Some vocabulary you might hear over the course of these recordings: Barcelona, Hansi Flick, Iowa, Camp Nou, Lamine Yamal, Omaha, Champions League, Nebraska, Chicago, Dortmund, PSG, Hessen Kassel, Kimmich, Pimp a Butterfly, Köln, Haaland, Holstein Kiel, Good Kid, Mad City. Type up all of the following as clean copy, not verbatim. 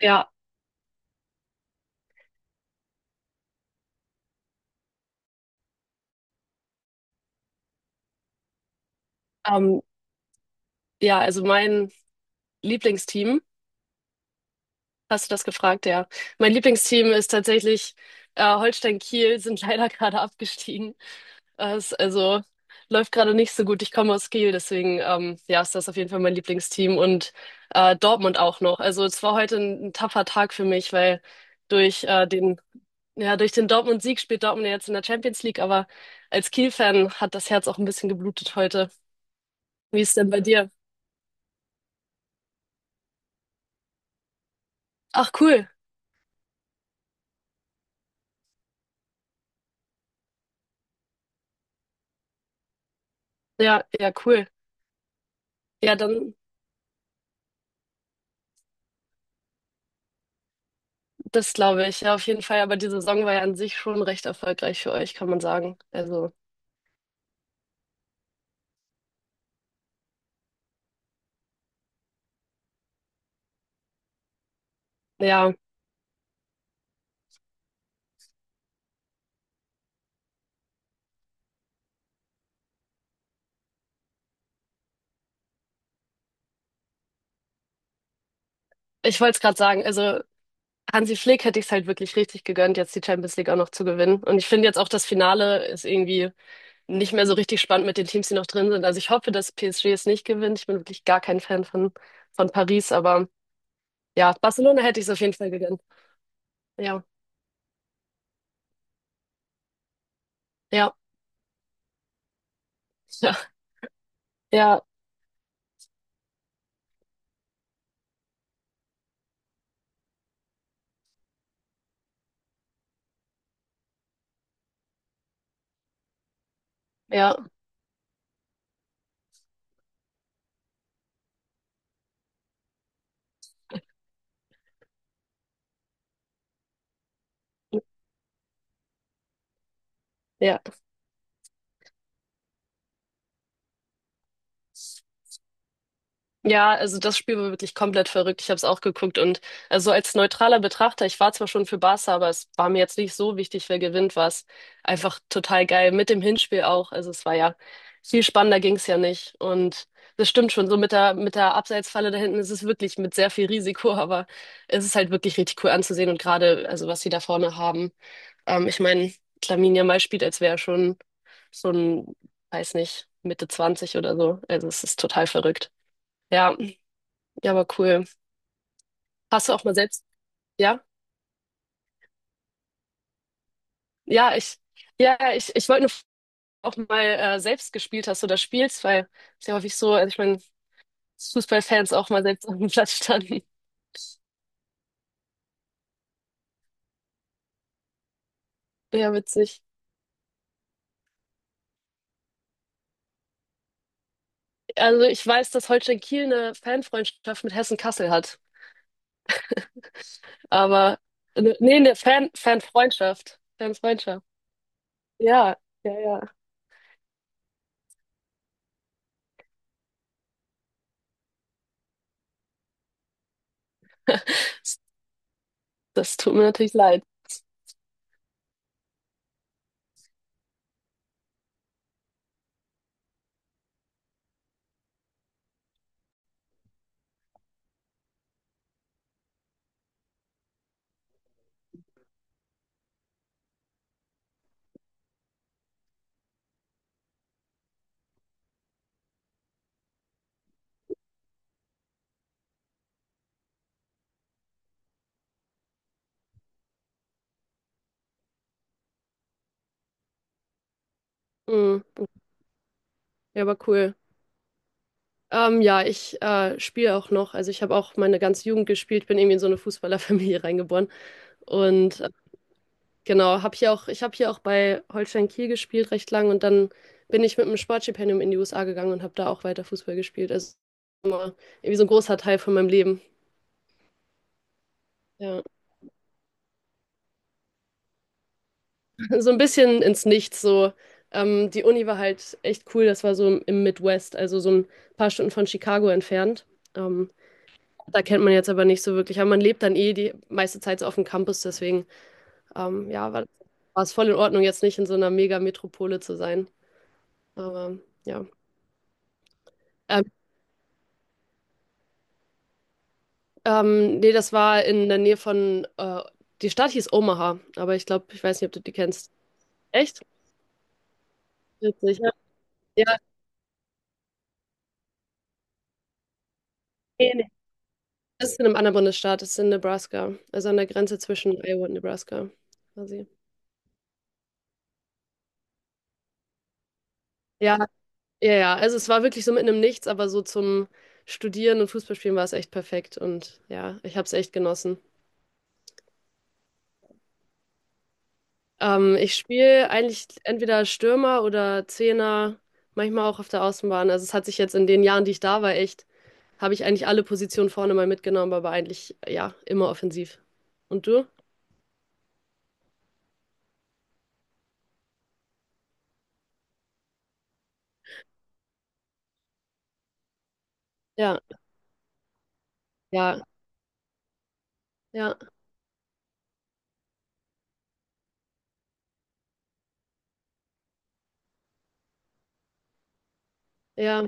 Ja, ähm, ja, also mein Lieblingsteam, hast du das gefragt, ja. Mein Lieblingsteam ist tatsächlich Holstein Kiel, sind leider gerade abgestiegen. Also läuft gerade nicht so gut. Ich komme aus Kiel, deswegen ja, ist das auf jeden Fall mein Lieblingsteam und Dortmund auch noch. Also es war heute ein tapfer Tag für mich, weil durch äh, den ja, durch den Dortmund-Sieg spielt Dortmund ja jetzt in der Champions League, aber als Kiel-Fan hat das Herz auch ein bisschen geblutet heute. Wie ist denn bei dir? Ach, cool. Ja, ja, cool. Ja, dann, das glaube ich, ja, auf jeden Fall. Aber die Saison war ja an sich schon recht erfolgreich für euch, kann man sagen. Also, ja, ich wollte es gerade sagen. Also, Hansi Flick hätte ich es halt wirklich richtig gegönnt, jetzt die Champions League auch noch zu gewinnen. Und ich finde jetzt auch, das Finale ist irgendwie nicht mehr so richtig spannend mit den Teams, die noch drin sind. Also, ich hoffe, dass PSG es nicht gewinnt. Ich bin wirklich gar kein Fan von Paris, aber ja, Barcelona hätte ich es auf jeden Fall gegönnt. Ja, ja, ja, ja, ja, ja. Ja, also das Spiel war wirklich komplett verrückt. Ich habe es auch geguckt und also als neutraler Betrachter, ich war zwar schon für Barca, aber es war mir jetzt nicht so wichtig, wer gewinnt, war es einfach total geil. Mit dem Hinspiel auch. Also es war ja, viel spannender ging's ja nicht. Und das stimmt schon, so mit der Abseitsfalle da hinten ist es wirklich mit sehr viel Risiko, aber es ist halt wirklich richtig cool anzusehen und gerade, also was sie da vorne haben. Ich meine, Lamine Yamal spielt, als wäre er schon so ein, weiß nicht, Mitte 20 oder so. Also es ist total verrückt. Ja. Ja, aber cool. Hast du auch mal selbst? Ja, ja, ich wollte nur fragen, ob du auch mal selbst gespielt hast oder spielst, weil es ist ja häufig so, also ich meine, dass Fußballfans auch mal selbst auf dem Platz standen. Ja, witzig. Also ich weiß, dass Holstein Kiel eine Fanfreundschaft mit Hessen Kassel hat, aber nee, eine Fanfreundschaft. Ja, ja, ja. Das tut mir natürlich leid. Mm, ja, aber cool. Ja, ich spiele auch noch. Also ich habe auch meine ganze Jugend gespielt, bin irgendwie in so eine Fußballerfamilie reingeboren. Und genau, ich habe hier auch bei Holstein Kiel gespielt recht lang und dann bin ich mit einem Sportstipendium in die USA gegangen und habe da auch weiter Fußball gespielt. Also immer irgendwie so ein großer Teil von meinem Leben. Ja, so ein bisschen ins Nichts. So, die Uni war halt echt cool. Das war so im Midwest, also so ein paar Stunden von Chicago entfernt. Ähm, Da kennt man jetzt aber nicht so wirklich. Aber man lebt dann eh die meiste Zeit so auf dem Campus. Deswegen, ja, war es voll in Ordnung, jetzt nicht in so einer Mega-Metropole zu sein. Aber ja. Ähm, Nee, das war in der Nähe von, die Stadt hieß Omaha, aber ich glaube, ich weiß nicht, ob du die kennst. Echt? Witzig, ja. Ja, nee, nee. Das ist in einem anderen Bundesstaat, das ist in Nebraska, also an der Grenze zwischen Iowa und Nebraska, quasi. Ja, ja, ja, also es war wirklich so mitten im Nichts, aber so zum Studieren und Fußballspielen war es echt perfekt und ja, ich habe es echt genossen. Ich spiele eigentlich entweder Stürmer oder Zehner, manchmal auch auf der Außenbahn. Also es hat sich jetzt in den Jahren, die ich da war, echt, habe ich eigentlich alle Positionen vorne mal mitgenommen, aber eigentlich ja, immer offensiv. Und du? Ja, ja, ja, ja,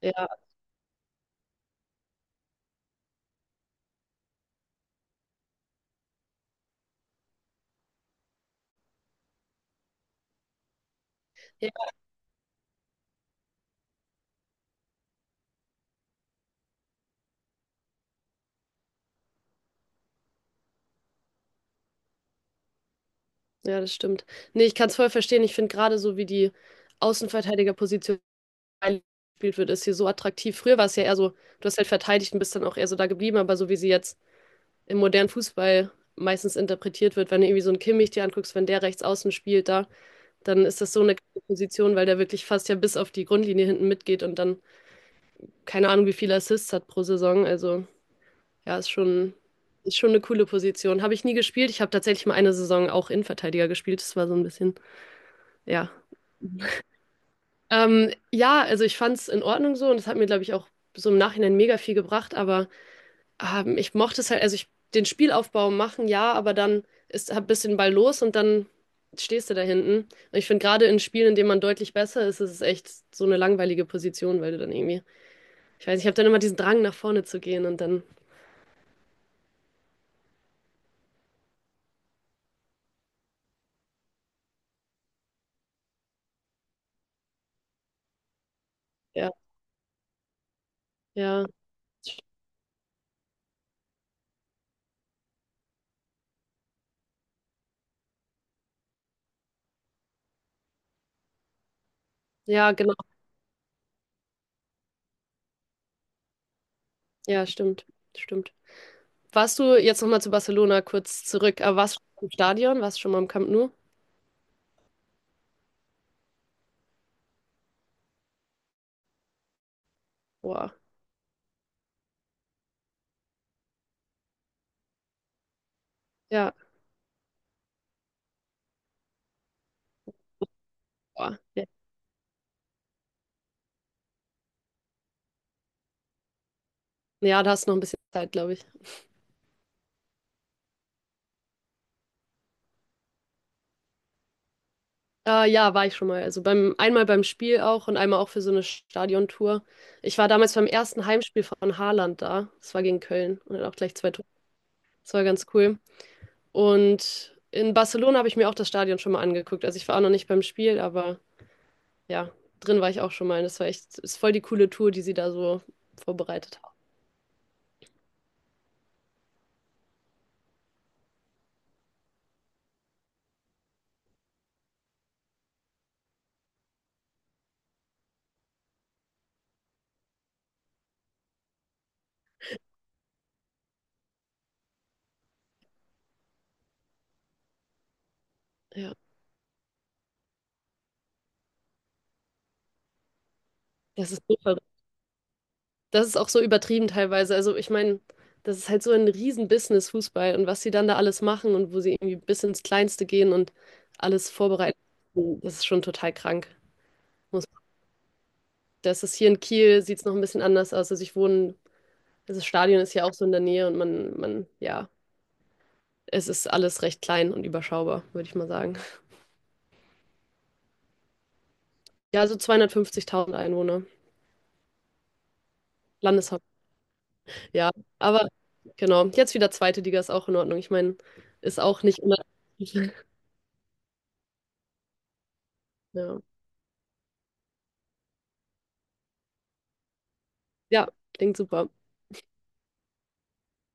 ja, ja, ja, das stimmt. Nee, ich kann es voll verstehen. Ich finde gerade so, wie die Außenverteidigerposition gespielt wird, ist hier so attraktiv. Früher war es ja eher so, du hast halt verteidigt und bist dann auch eher so da geblieben, aber so wie sie jetzt im modernen Fußball meistens interpretiert wird, wenn du irgendwie so einen Kimmich dir anguckst, wenn der rechts außen spielt da, dann ist das so eine Position, weil der wirklich fast ja bis auf die Grundlinie hinten mitgeht und dann, keine Ahnung, wie viele Assists hat pro Saison. Also ja, ist schon eine coole Position. Habe ich nie gespielt. Ich habe tatsächlich mal eine Saison auch Innenverteidiger gespielt. Das war so ein bisschen, ja. Ja, also ich fand es in Ordnung so und das hat mir, glaube ich, auch so im Nachhinein mega viel gebracht. Aber ich mochte es halt, also ich den Spielaufbau machen, ja, aber dann ist hab bisschen den Ball los und dann stehst du da hinten. Und ich finde gerade in Spielen, in denen man deutlich besser ist, ist es echt so eine langweilige Position, weil du dann irgendwie, ich weiß nicht, ich habe dann immer diesen Drang nach vorne zu gehen und dann, ja, ja. Ja, genau. Ja, stimmt. Stimmt. Warst du jetzt nochmal zu Barcelona kurz zurück, aber warst du schon im Stadion? Warst du schon mal im Camp Nou? Boah. Ja. Boah. Ja, ja, da hast du noch ein bisschen Zeit, glaube ich. Ja, war ich schon mal. Also beim einmal beim Spiel auch und einmal auch für so eine Stadiontour. Ich war damals beim ersten Heimspiel von Haaland da. Das war gegen Köln und hat auch gleich zwei Tore. Das war ganz cool. Und in Barcelona habe ich mir auch das Stadion schon mal angeguckt. Also ich war auch noch nicht beim Spiel, aber ja, drin war ich auch schon mal. Das war echt, ist voll die coole Tour, die sie da so vorbereitet haben. Ja, das ist so verrückt. Das ist auch so übertrieben teilweise. Also ich meine, das ist halt so ein Riesen-Business Fußball und was sie dann da alles machen und wo sie irgendwie bis ins Kleinste gehen und alles vorbereiten, das ist schon total krank. Muss- Das ist hier in Kiel, sieht es noch ein bisschen anders aus. Also ich wohne, also das Stadion ist ja auch so in der Nähe und man, ja, es ist alles recht klein und überschaubar, würde ich mal sagen. Ja, so 250.000 Einwohner, Landeshaupt. Ja, aber genau. Jetzt wieder zweite Liga ist auch in Ordnung. Ich meine, ist auch nicht immer. Ja. Ja, klingt super.